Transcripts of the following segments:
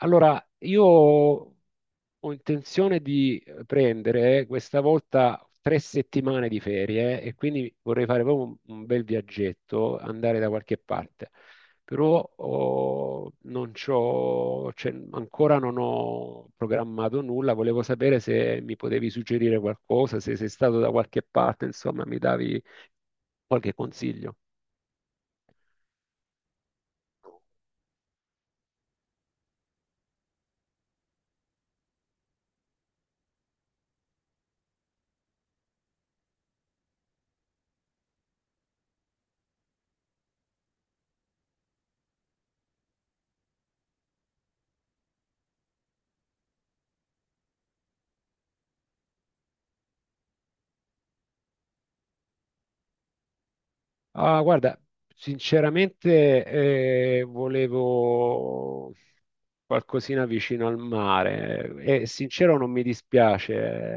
Allora, io ho intenzione di prendere questa volta 3 settimane di ferie e quindi vorrei fare proprio un bel viaggetto, andare da qualche parte. Però oh, non c'ho, cioè, ancora non ho programmato nulla, volevo sapere se mi potevi suggerire qualcosa, se sei stato da qualche parte, insomma, mi davi qualche consiglio. Ah, guarda, sinceramente volevo qualcosina vicino al mare e sincero non mi dispiace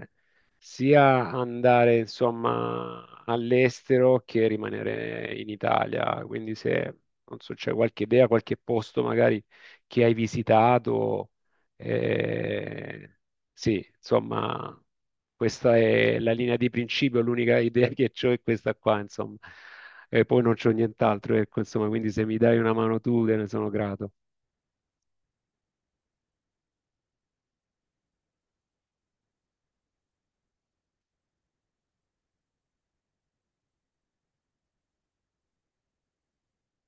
eh, sia andare insomma all'estero che rimanere in Italia, quindi se non so, c'è qualche idea, qualche posto magari che hai visitato, eh, sì, insomma questa è la linea di principio, l'unica idea che ho è questa qua, insomma. E poi non c'ho nient'altro, ecco, insomma, quindi se mi dai una mano tu, te ne sono grato.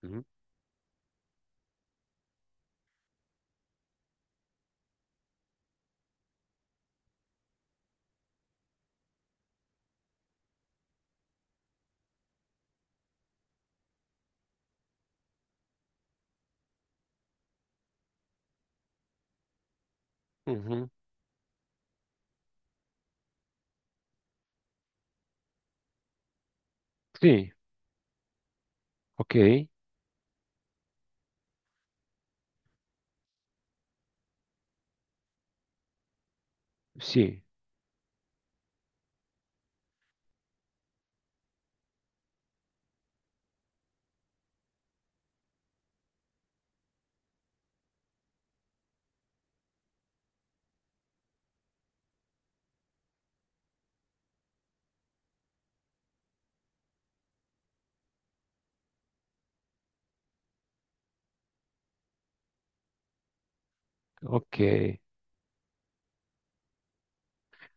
Mhm. Mhm. Sì, ok, sì, ok.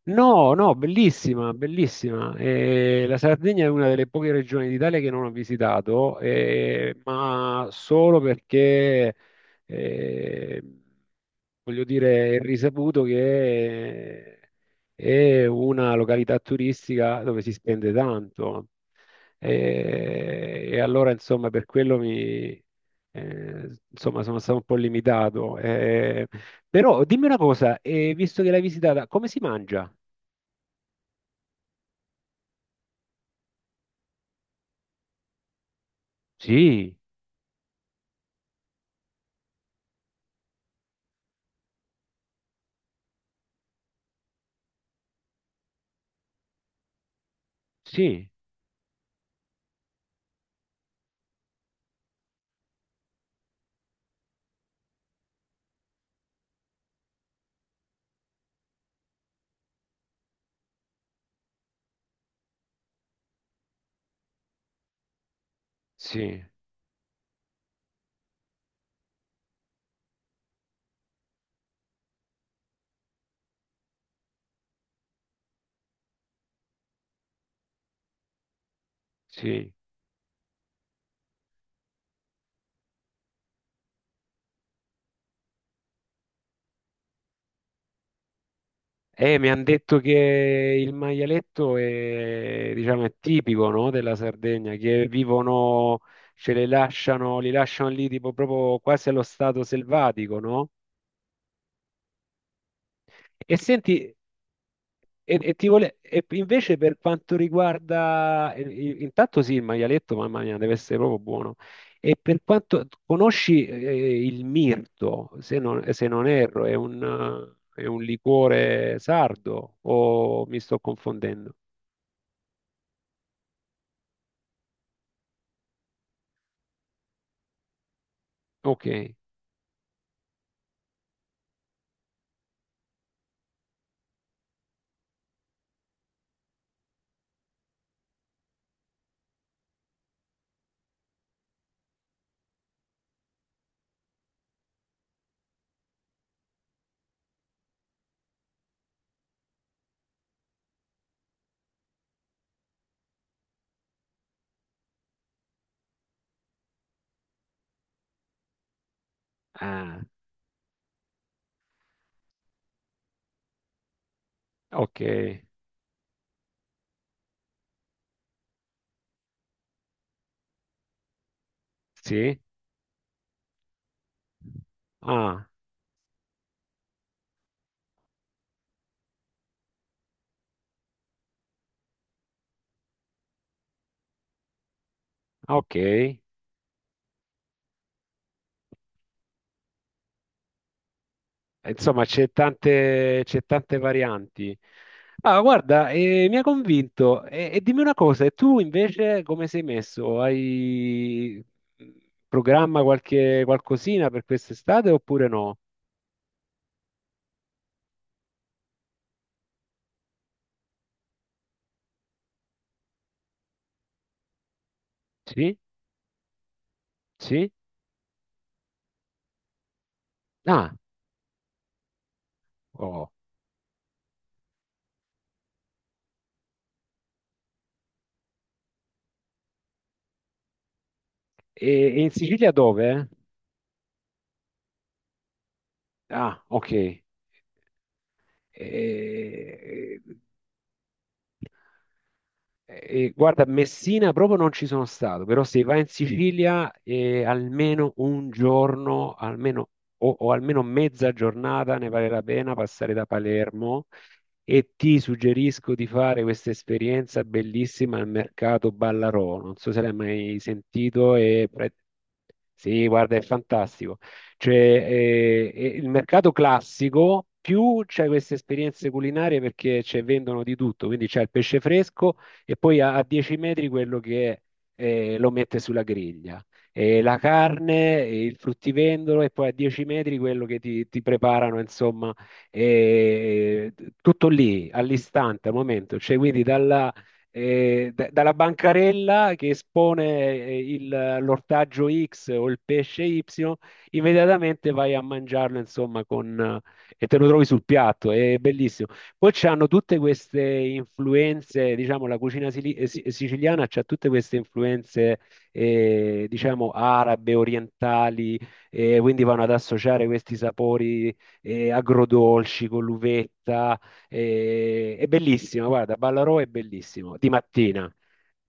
No, no, bellissima, bellissima. La Sardegna è una delle poche regioni d'Italia che non ho visitato, ma solo perché, eh, voglio dire, è risaputo che è una località turistica dove si spende tanto. E allora, insomma, per quello mi, insomma, sono stato un po' limitato. Però dimmi una cosa, visto che l'hai visitata, come si mangia? Sì, sì, sì, sì. Mi hanno detto che il maialetto è, diciamo, è tipico, no, della Sardegna, che vivono, ce le lasciano, li lasciano lì tipo proprio quasi allo stato selvatico, no? E senti, e invece per quanto riguarda, intanto sì, il maialetto, mamma mia, deve essere proprio buono. E per quanto conosci il mirto, se non erro, è un liquore sardo o mi sto confondendo? Ok, ah, ok, sì, ah, ok. Insomma, c'è tante varianti. Ah, guarda, mi ha convinto. E dimmi una cosa, e tu invece come sei messo? Hai mm, programma qualche qualcosina per quest'estate oppure no? Sì? Sì? Ah, oh. E, e in Sicilia dove? Ah, ok. E- guarda, a Messina proprio non ci sono stato, però se vai in Sicilia almeno un giorno, almeno, o almeno mezza giornata ne vale la pena passare da Palermo e ti suggerisco di fare questa esperienza bellissima al mercato Ballarò. Non so se l'hai mai sentito. Sì, guarda, è fantastico. Cioè, il mercato classico, più c'è queste esperienze culinarie, perché vendono di tutto, quindi c'è il pesce fresco e poi a 10 metri quello che lo mette sulla griglia, e la carne, e il fruttivendolo e poi a 10 metri quello che ti preparano, insomma, e- tutto lì, all'istante, al momento, cioè quindi dalla bancarella che espone l'ortaggio X o il pesce Y, immediatamente vai a mangiarlo, insomma, e te lo trovi sul piatto, è bellissimo. Poi c'hanno tutte queste influenze, diciamo, la cucina siciliana c'ha tutte queste influenze, diciamo, arabe, orientali, quindi vanno ad associare questi sapori, agrodolci con l'uvetta. È bellissimo, guarda, Ballarò è bellissimo, di mattina.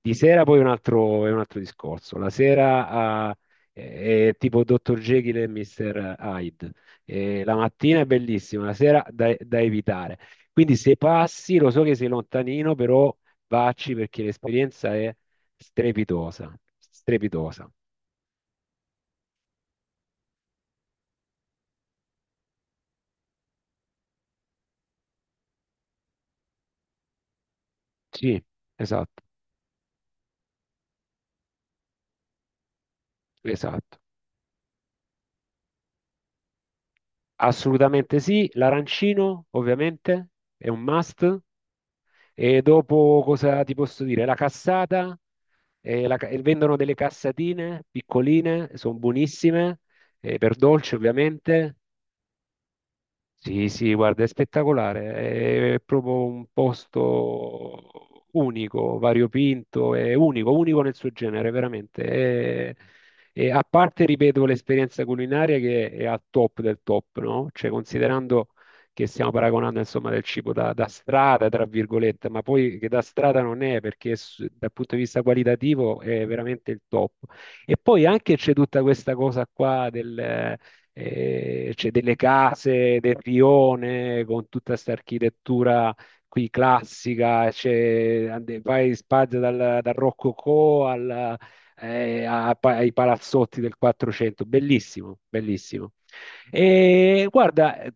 Di sera poi è un altro discorso. La sera è tipo Dr. Jekyll e Mr. Hyde. La mattina è bellissima, la sera da evitare. Quindi se passi, lo so che sei lontanino, però vacci perché l'esperienza è strepitosa, strepitosa. Sì, esatto, esatto. Assolutamente sì. L'arancino, ovviamente, è un must. E dopo cosa ti posso dire? La cassata, e vendono delle cassatine piccoline, sono buonissime, per dolce ovviamente. Sì, sì, guarda, è spettacolare, è proprio un posto unico, variopinto, è unico, unico nel suo genere, veramente. E a parte, ripeto, l'esperienza culinaria che è al top del top, no? Cioè, considerando che stiamo paragonando, insomma, del cibo da strada, tra virgolette, ma poi che da strada non è, perché dal punto di vista qualitativo è veramente il top. E poi anche c'è tutta questa cosa qua, c'è delle case del rione con tutta questa architettura qui classica, vai in Spagna dal Rococò ai palazzotti del 400, bellissimo, bellissimo. E guarda, eh,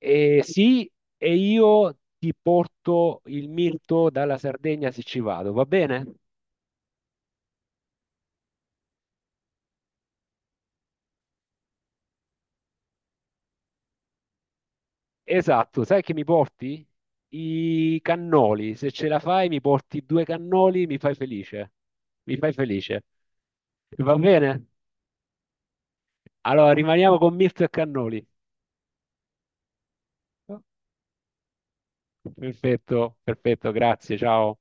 eh, sì, e io ti porto il mirto dalla Sardegna se ci vado, va bene? Esatto, sai che mi porti? I cannoli, se ce la fai mi porti due cannoli, mi fai felice. Mi fai felice. Va bene? Allora rimaniamo con Mirto e cannoli. Perfetto, perfetto, grazie, ciao.